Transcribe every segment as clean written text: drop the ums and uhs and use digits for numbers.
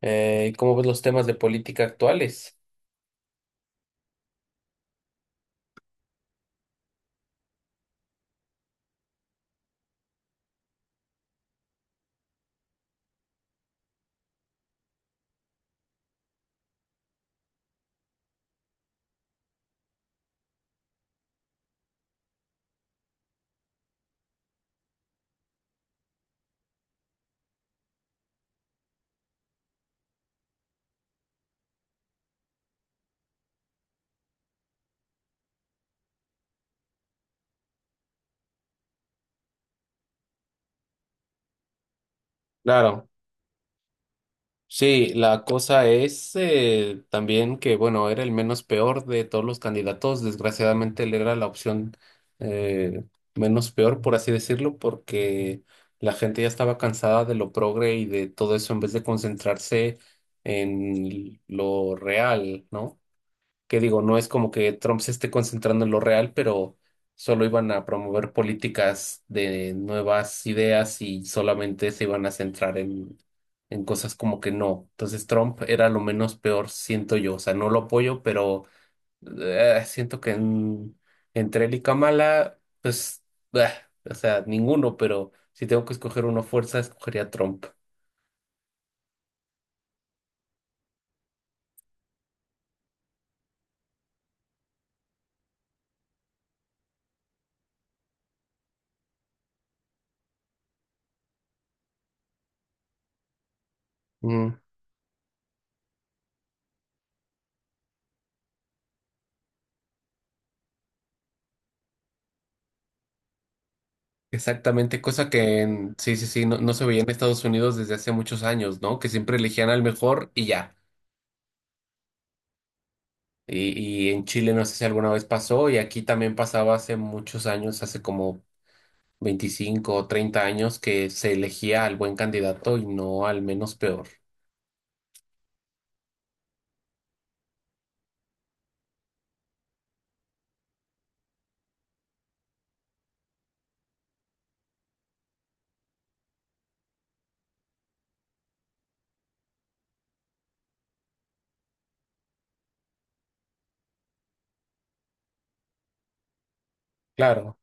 ¿Cómo ves los temas de política actuales? Claro, sí, la cosa es también que, bueno, era el menos peor de todos los candidatos. Desgraciadamente, él era la opción eh, menos peor, por así decirlo, porque la gente ya estaba cansada de lo progre y de todo eso en vez de concentrarse en lo real, ¿no? Que digo, no es como que Trump se esté concentrando en lo real, pero solo iban a promover políticas de nuevas ideas y solamente se iban a centrar en cosas como que no. Entonces Trump era lo menos peor, siento yo. O sea, no lo apoyo, pero siento que entre él y Kamala, pues, bah, o sea, ninguno, pero si tengo que escoger uno a fuerza, escogería a Trump. Exactamente, cosa que sí, sí, sí, no, no se veía en Estados Unidos desde hace muchos años, ¿no? Que siempre elegían al mejor y ya. Y en Chile no sé si alguna vez pasó, y aquí también pasaba hace muchos años, hace como 25 o 30 años, que se elegía al buen candidato y no al menos peor. Claro.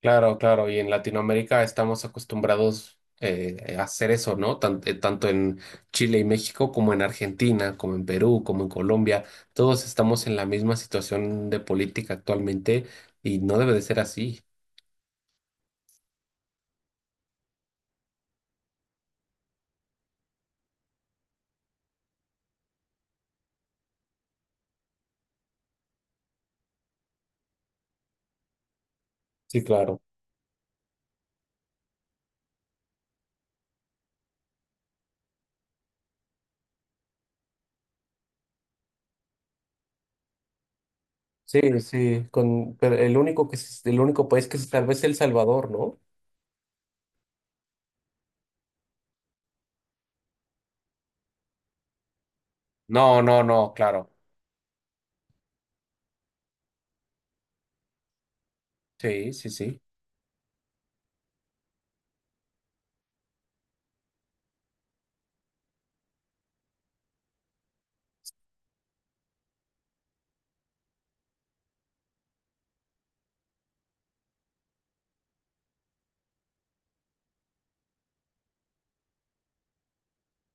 Claro, claro, y en Latinoamérica estamos acostumbrados a hacer eso, ¿no? Tanto en Chile y México como en Argentina, como en Perú, como en Colombia, todos estamos en la misma situación de política actualmente y no debe de ser así. Sí, claro. Sí, sí, con, pero el único el único país que se salva es El Salvador, ¿no? No, no, no, claro. Sí, sí, sí.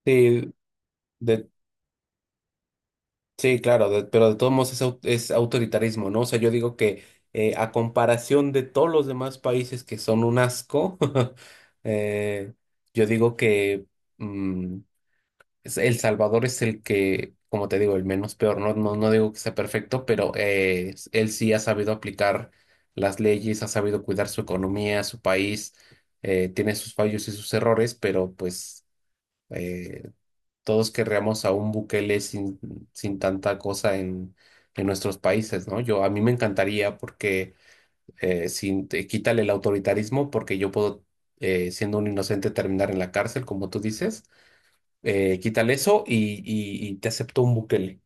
Sí, de, sí, claro, pero de todos modos es, es autoritarismo, ¿no? O sea, yo digo que a comparación de todos los demás países que son un asco, eh, yo digo que mm, El Salvador es el que, como te digo, el menos peor. No, no, no digo que sea perfecto, pero él sí ha sabido aplicar las leyes, ha sabido cuidar su economía, su país, tiene sus fallos y sus errores, pero pues... eh, todos querríamos a un Bukele sin, sin tanta cosa en nuestros países, ¿no? Yo, a mí me encantaría porque sin, quítale el autoritarismo porque yo puedo, siendo un inocente, terminar en la cárcel, como tú dices. Quítale eso y te acepto un Bukele.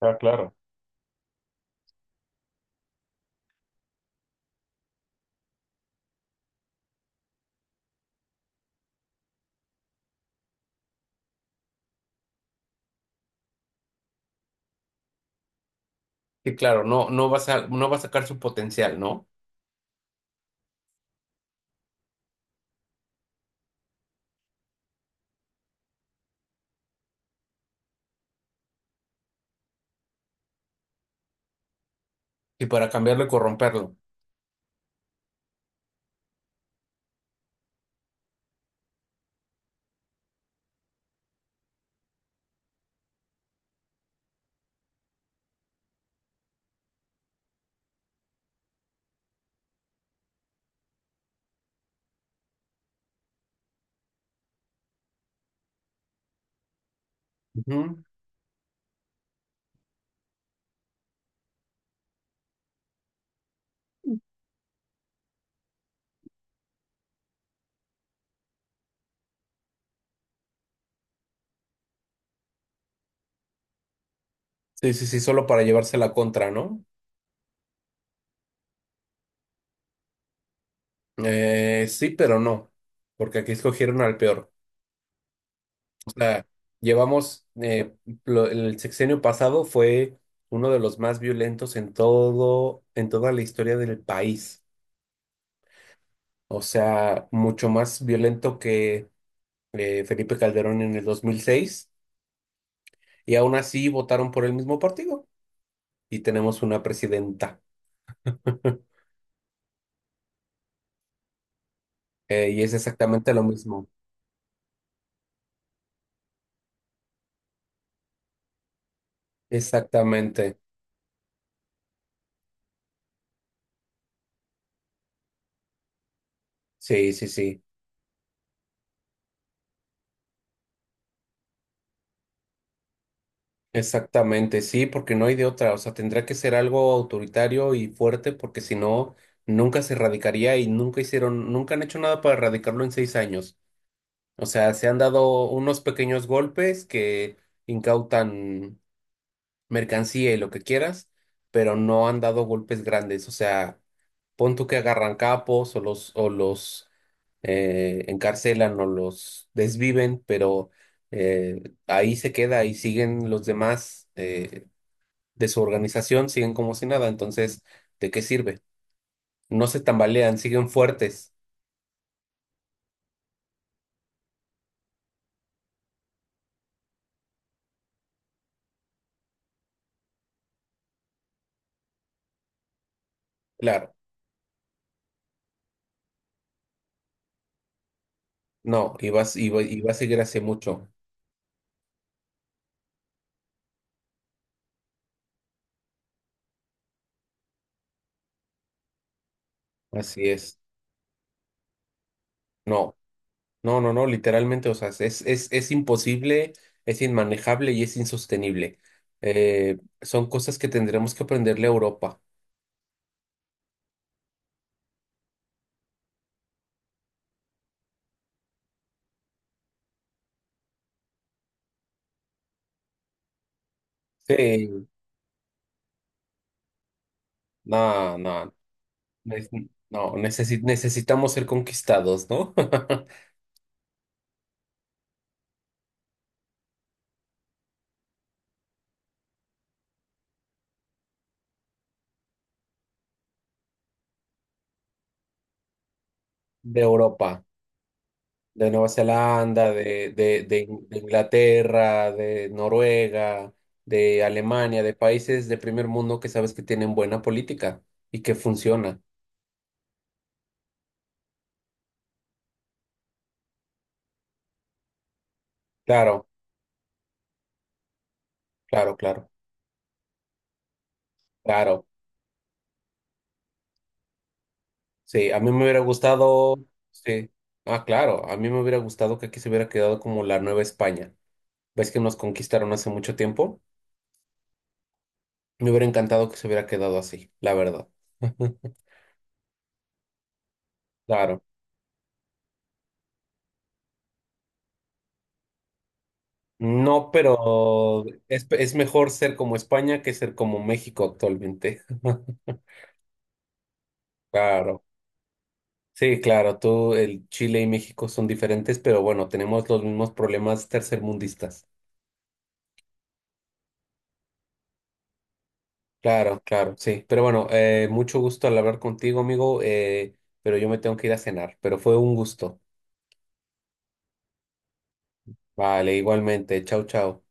Ah, claro. Y claro, no, no vas a, no va a sacar su potencial, ¿no? Y para cambiarlo y corromperlo. Ujú. Sí, sí, sí, solo para llevarse la contra, ¿no? Sí, pero no, porque aquí escogieron al peor. Sea, llevamos, el sexenio pasado fue uno de los más violentos en todo, en toda la historia del país. O sea, mucho más violento que Felipe Calderón en el 2006. Y aún así votaron por el mismo partido y tenemos una presidenta. Y es exactamente lo mismo. Exactamente. Sí, sí, sí. Exactamente, sí, porque no hay de otra, o sea, tendrá que ser algo autoritario y fuerte porque si no, nunca se erradicaría y nunca hicieron, nunca han hecho nada para erradicarlo en 6 años. O sea, se han dado unos pequeños golpes que incautan mercancía y lo que quieras, pero no han dado golpes grandes. O sea, pon tú que agarran capos o los encarcelan o los desviven, pero eh, ahí se queda y siguen los demás. De su organización siguen como si nada, entonces, ¿de qué sirve? No se tambalean, siguen fuertes. Claro, no, y vas, y va a seguir hace mucho. Así es. No, no, literalmente, o sea, es imposible, es inmanejable y es insostenible. Son cosas que tendremos que aprenderle a Europa. Sí, no, no, es- no, necesitamos ser conquistados, ¿no? De Europa. De Nueva Zelanda, de Inglaterra, de Noruega, de Alemania, de países de primer mundo que sabes que tienen buena política y que funciona. Claro, claro, claro, claro. Sí, a mí me hubiera gustado, sí, ah, claro, a mí me hubiera gustado que aquí se hubiera quedado como la Nueva España. ¿Ves que nos conquistaron hace mucho tiempo? Me hubiera encantado que se hubiera quedado así, la verdad. Claro. No, pero es mejor ser como España que ser como México actualmente. Claro. Sí, claro, tú, el Chile y México son diferentes, pero bueno, tenemos los mismos problemas tercermundistas. Claro, claro, sí. Pero bueno, mucho gusto al hablar contigo, amigo, pero yo me tengo que ir a cenar, pero fue un gusto. Vale, igualmente. Chau, chau.